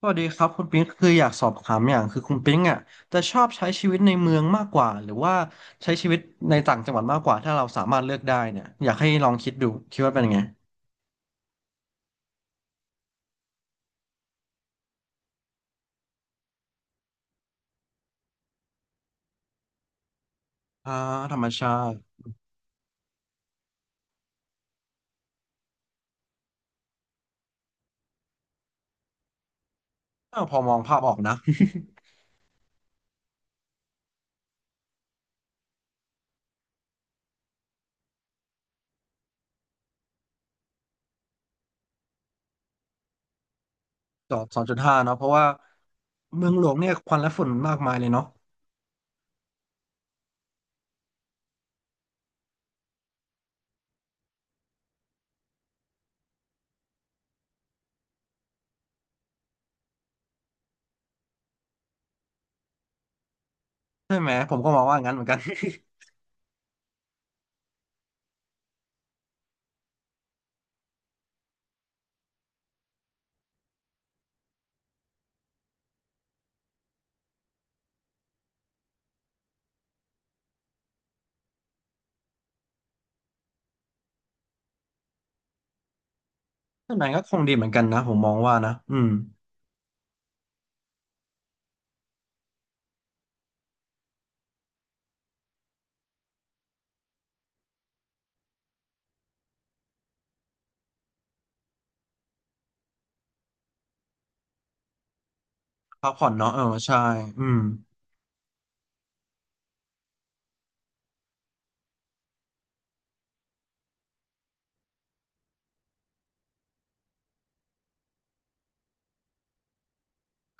สวัสดีครับคุณปิ๊งคืออยากสอบถามอย่างคือคุณปิ๊งอ่ะจะชอบใช้ชีวิตในเมืองมากกว่าหรือว่าใช้ชีวิตในต่างจังหวัดมากกว่าถ้าเราสามารถเลือกได้เนี่ยอยากให้ลองคิดดูคิดว่าเป็นยังไงอ่าธรรมชาติอ้าวพอมองภาพออกนะ จอดสองจุดห้าเนาะเพราะว่าเมืองหลวงเนี่ยควันและฝุ่นมากมายเลยเนาะใช่ไหมผมก็มองว่างั้นเหมือนกัน ท่านไหนก็คงดีเหมือนกันนะผมมองว่านะอืมพักผ่อนเนาะเออใช่อืม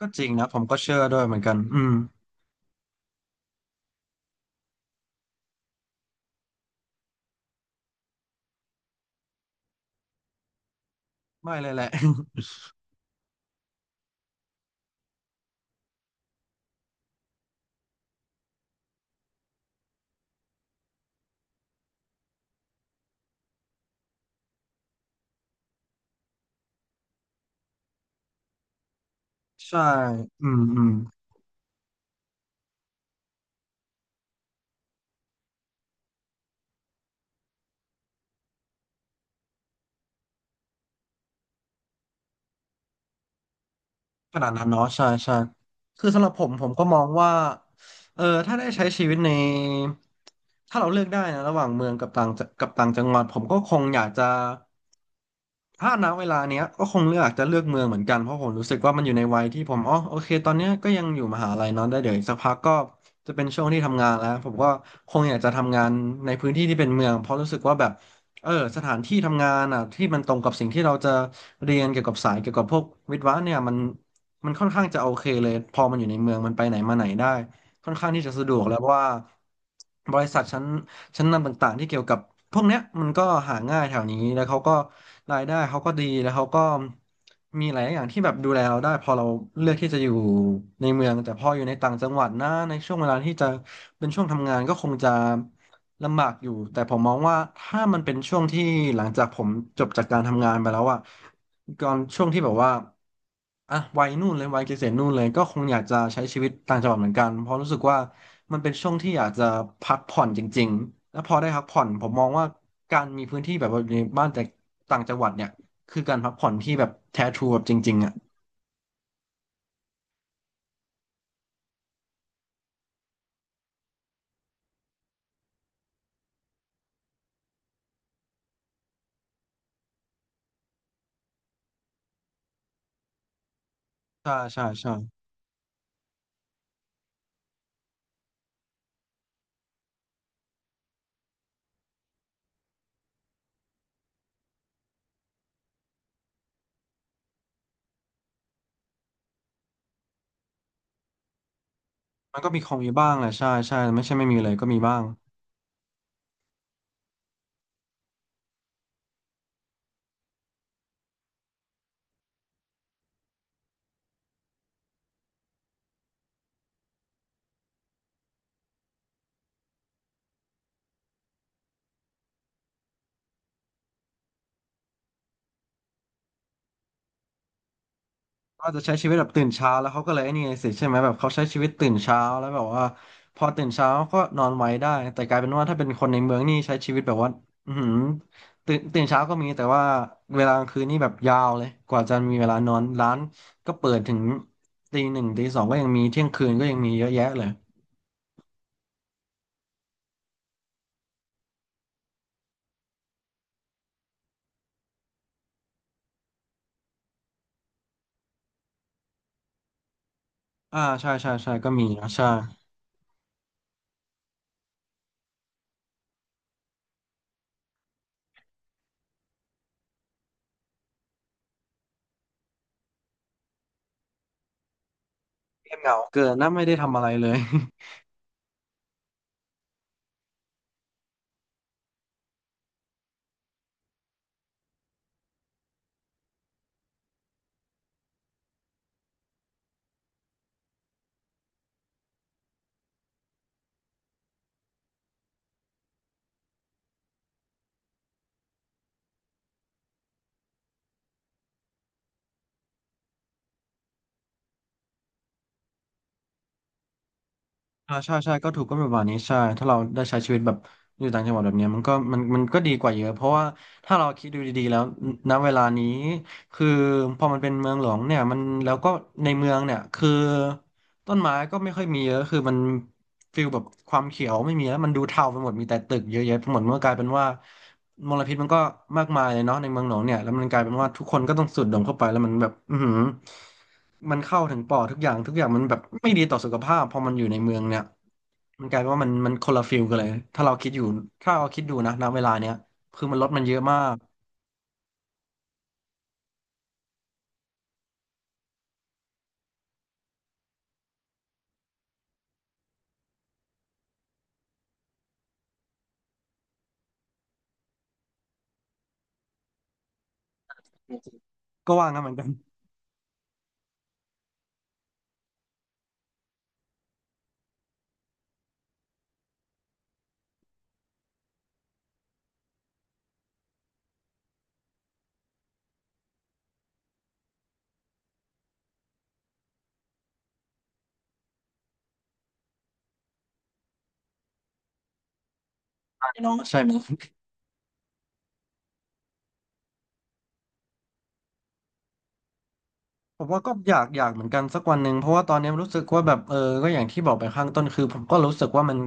ก็จริงนะผมก็เชื่อด้วยเหมือนกันอืมไม่เลยแหละ ใช่ อืม อืม ขนาดนั้นเนาะ ใช่ใช่คือสำหรับผม ผมก็มองว่า เออ ถ้าได้ใช้ชีวิตในถ้าเราเลือกได้นะ ระหว่างเมืองกับต่างจังหวัดผมก็คงอยากจะ ถ้าณเวลาเนี้ยก็คงเลือกเมืองเหมือนกันเพราะผมรู้สึกว่ามันอยู่ในวัยที่ผมอ๋อโอเคตอนเนี้ยก็ยังอยู่มหาลัยเนอะได้เดี๋ยวอีกสักพักก็จะเป็นช่วงที่ทำงานแล้วผมก็คงอยากจะทำงานในพื้นที่ที่เป็นเมืองเพราะรู้สึกว่าแบบเออสถานที่ทำงานอ่ะที่มันตรงกับสิ่งที่เราจะเรียนเกี่ยวกับสายเกี่ยวกับพวกวิศวะเนี่ยมันค่อนข้างจะโอเคเลยพอมันอยู่ในเมืองมันไปไหนมาไหนได้ค่อนข้างที่จะสะดวกแล้วเพราะว่าบริษัทชั้นนำต่างๆที่เกี่ยวกับพวกเนี้ยมันก็หาง่ายแถวนี้แล้วเขาก็รายได้เขาก็ดีแล้วเขาก็มีหลายอย่างที่แบบดูแลเราได้พอเราเลือกที่จะอยู่ในเมืองแต่พออยู่ในต่างจังหวัดนะในช่วงเวลาที่จะเป็นช่วงทำงานก็คงจะ ลำบากอยู่แต่ผมมองว่าถ้ามันเป็นช่วงที่หลังจากผมจบจากการทำงานไปแล้วอะก่อนช่วงที่แบบว่าอ่ะวัยนู่นเลยวัยเกษียณนู่นเลยก็คงอยากจะใช้ชีวิตต่างจังหวัดเหมือนกันเพราะรู้สึกว่ามันเป็นช่วงที่อยากจะพักผ่อนจริงๆแล้วพอได้พักผ่อนผมมองว่าการมีพื้นที่แบบว่าอยู่ในบ้านแต่ต่างจังหวัดเนี่ยคือการพักผ่อนที่แบบแท้ทรูแบบจริงๆอะใช่ใช่ใช่มันก็มีคงมีบ้างแหละใช่ใช่ไม่ใช่ไม่มีเลยก็มีบ้าง ก็จะใช้ชีวิตแบบตื่นเช้าแล้วเขาก็เลยไอ้นี่ไงสิใช่ไหมแบบเขาใช้ชีวิตตื่นเช้าแล้วแบบว่าพอตื่นเช้าก็นอนไวได้แต่กลายเป็นว่าถ้าเป็นคนในเมืองนี่ใช้ชีวิตแบบว่าอือหือตื่นเช้าก็มีแต่ว่าเวลากลางคืนนี่แบบยาวเลยกว่าจะมีเวลานอนร้านก็เปิดถึงตีหนึ่งตีสองก็ยังมีเที่ยงคืนก็ยังมีเยอะแยะเลยอ่าใช่ใช่ใช่ก็มีนะใช่เงียบเหงาเกินนะไม่ได้ทำอะไรเลย อ่าใช่ใช่ก็ถูกก็ประมาณนี้ใช่ถ้าเราได้ใช้ชีวิตแบบอยู่ต่างจังหวัดแบบเนี้ยมันก็มันก็ดีกว่าเยอะเพราะว่าถ้าเราคิดดูดีๆแล้วณเวลานี้คือพอมันเป็นเมืองหลวงเนี่ยมันแล้วก็ในเมืองเนี่ยคือต้นไม้ก็ไม่ค่อยมีเยอะคือมันฟิลแบบความเขียวไม่มีแล้วมันดูเทาไปหมดมีแต่ตึกเยอะแยะไปหมดมันก็กลายเป็นว่ามลพิษมันก็มากมายเลยเนาะในเมืองหลวงเนี่ยแล้วมันกลายเป็นว่าทุกคนก็ต้องสูดดมเข้าไปแล้วมันแบบอือหือ มันเข้าถึงปอดทุกอย่างทุกอย่างมันแบบไม่ดีต่อสุขภาพพอมันอยู่ในเมืองเนี่ยมันกลายเป็นว่ามันคนละฟิลกันเลยถ้าเราคิดอยู่ถ้าเราคิดดูนะณเวลาเนี้ยคือมันลดมันเยอะมากก็ว่างั้นเหมือนกันใช่เนาะใช่ไหม ผมว่าก็อยากเหมือนกันสักวันหนึ่งเพราะว่าตอนนี้รู้สึกว่าแบบก็อย่างที่บอกไปข้างต้นคือผมก็รู้สึกว่ามัน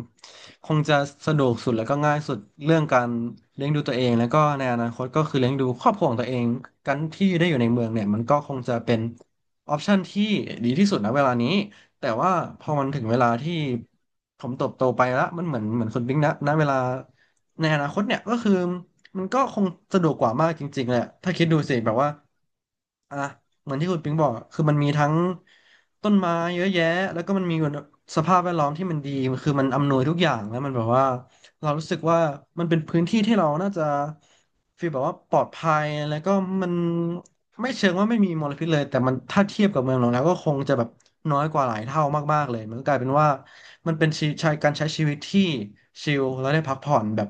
คงจะสะดวกสุดแล้วก็ง่ายสุดเรื่องการเลี้ยงดูตัวเองแล้วก็ในอนาคตก็คือเลี้ยงดูครอบครัวของตัวเองกันที่ได้อยู่ในเมืองเนี่ยมันก็คงจะเป็นออปชันที่ดีที่สุดนะเวลานี้แต่ว่าพอมันถึงเวลาที่ผมเติบโตไปแล้วมันเหมือนคุณบิ๊กนะณเวลาในอนาคตเนี่ยก็คือมันก็คงสะดวกกว่ามากจริงๆแหละถ้าคิดดูสิแบบว่าอ่ะ เหมือนที่คุณปิงบอกอะคือมันมีทั้งต้นไม้เยอะแยะแล้วก็มันมีสภาพแวดล้อมที่มันดีคือมันอำนวยทุกอย่างแล้วมันแบบว่าเรารู้สึกว่ามันเป็นพื้นที่ที่เราน่าจะฟีลแบบว่าปลอดภัยแล้วก็มันไม่เชิงว่าไม่มีมลพิษเลยแต่มันถ้าเทียบกับเมืองหลวงแล้วก็คงจะแบบน้อยกว่าหลายเท่ามากๆเลยมันก็กลายเป็นว่า มันเป็นชีใช้การใช้ชีวิตที่ชิลแล้วได้พักผ่อนแบบ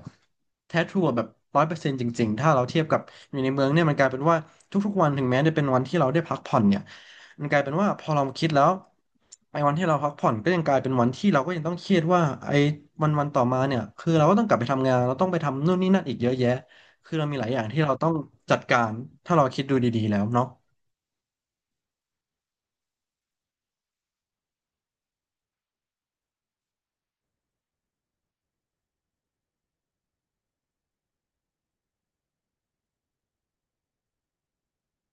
แท้ทรูอะแบบ100%จริงๆถ้าเราเทียบกับอยู่ในเมืองเนี่ยมันกลายเป็นว่าทุกๆวันถึงแม้จะเป็นวันที่เราได้พักผ่อนเนี่ยมันกลายเป็นว่าพอเราคิดแล้วไอ้วันที่เราพักผ่อนก็ยังกลายเป็นวันที่เราก็ยังต้องเครียดว่าไอ้วันต่อมาเนี่ยคือเราก็ต้องกลับไปทำงานเราต้องไปทำนู่นนี่นั่นอีกเยอะแยะคือเรามีหลายอย่างที่เราต้องจัดการถ้าเราคิดดูดีๆแล้วเนาะ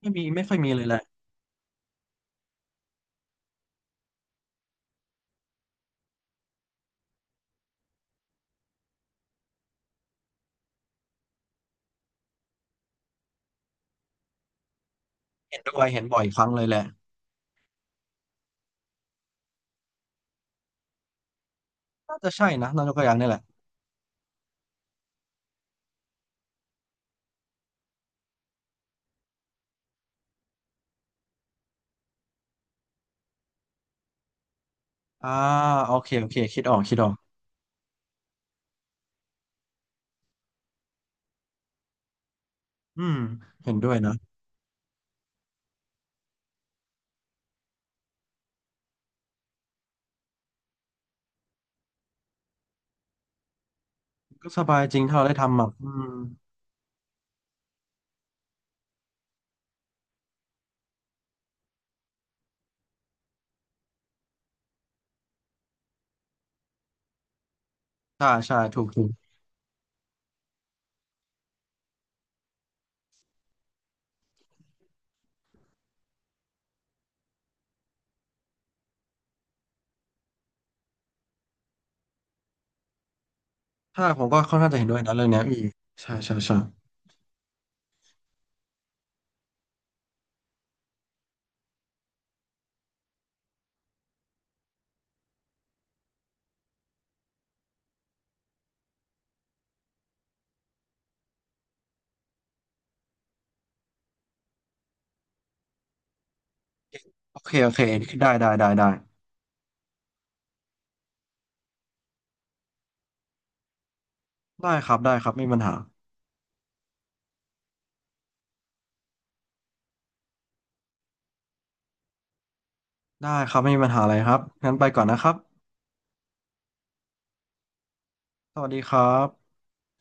ไม่ค่อยมีเลยแหละเห็นด้วยเห็นบ่อยครั้งเลยแหละน่าจะใช่นะนายกตัวอย่างนี่แหละ อ่าโอเคโอเคคิดออกอืมเห็นด้วยนะก็สบายจริงถ้าเราได้ทำอ่ะอืมใช่ใช่ถูกถูกถ้าผมก็ค่อนข้างจะเห็นด้วยนะเรื่องเนี้ยอืมใช่ใช่ใช่โอเคโอเคได้ได้ครับได้ครับไม่มีปัญหาได้ครับไม่มีปัญหาอะไรครับงั้นไปก่อนนะครับสวัสดีครับ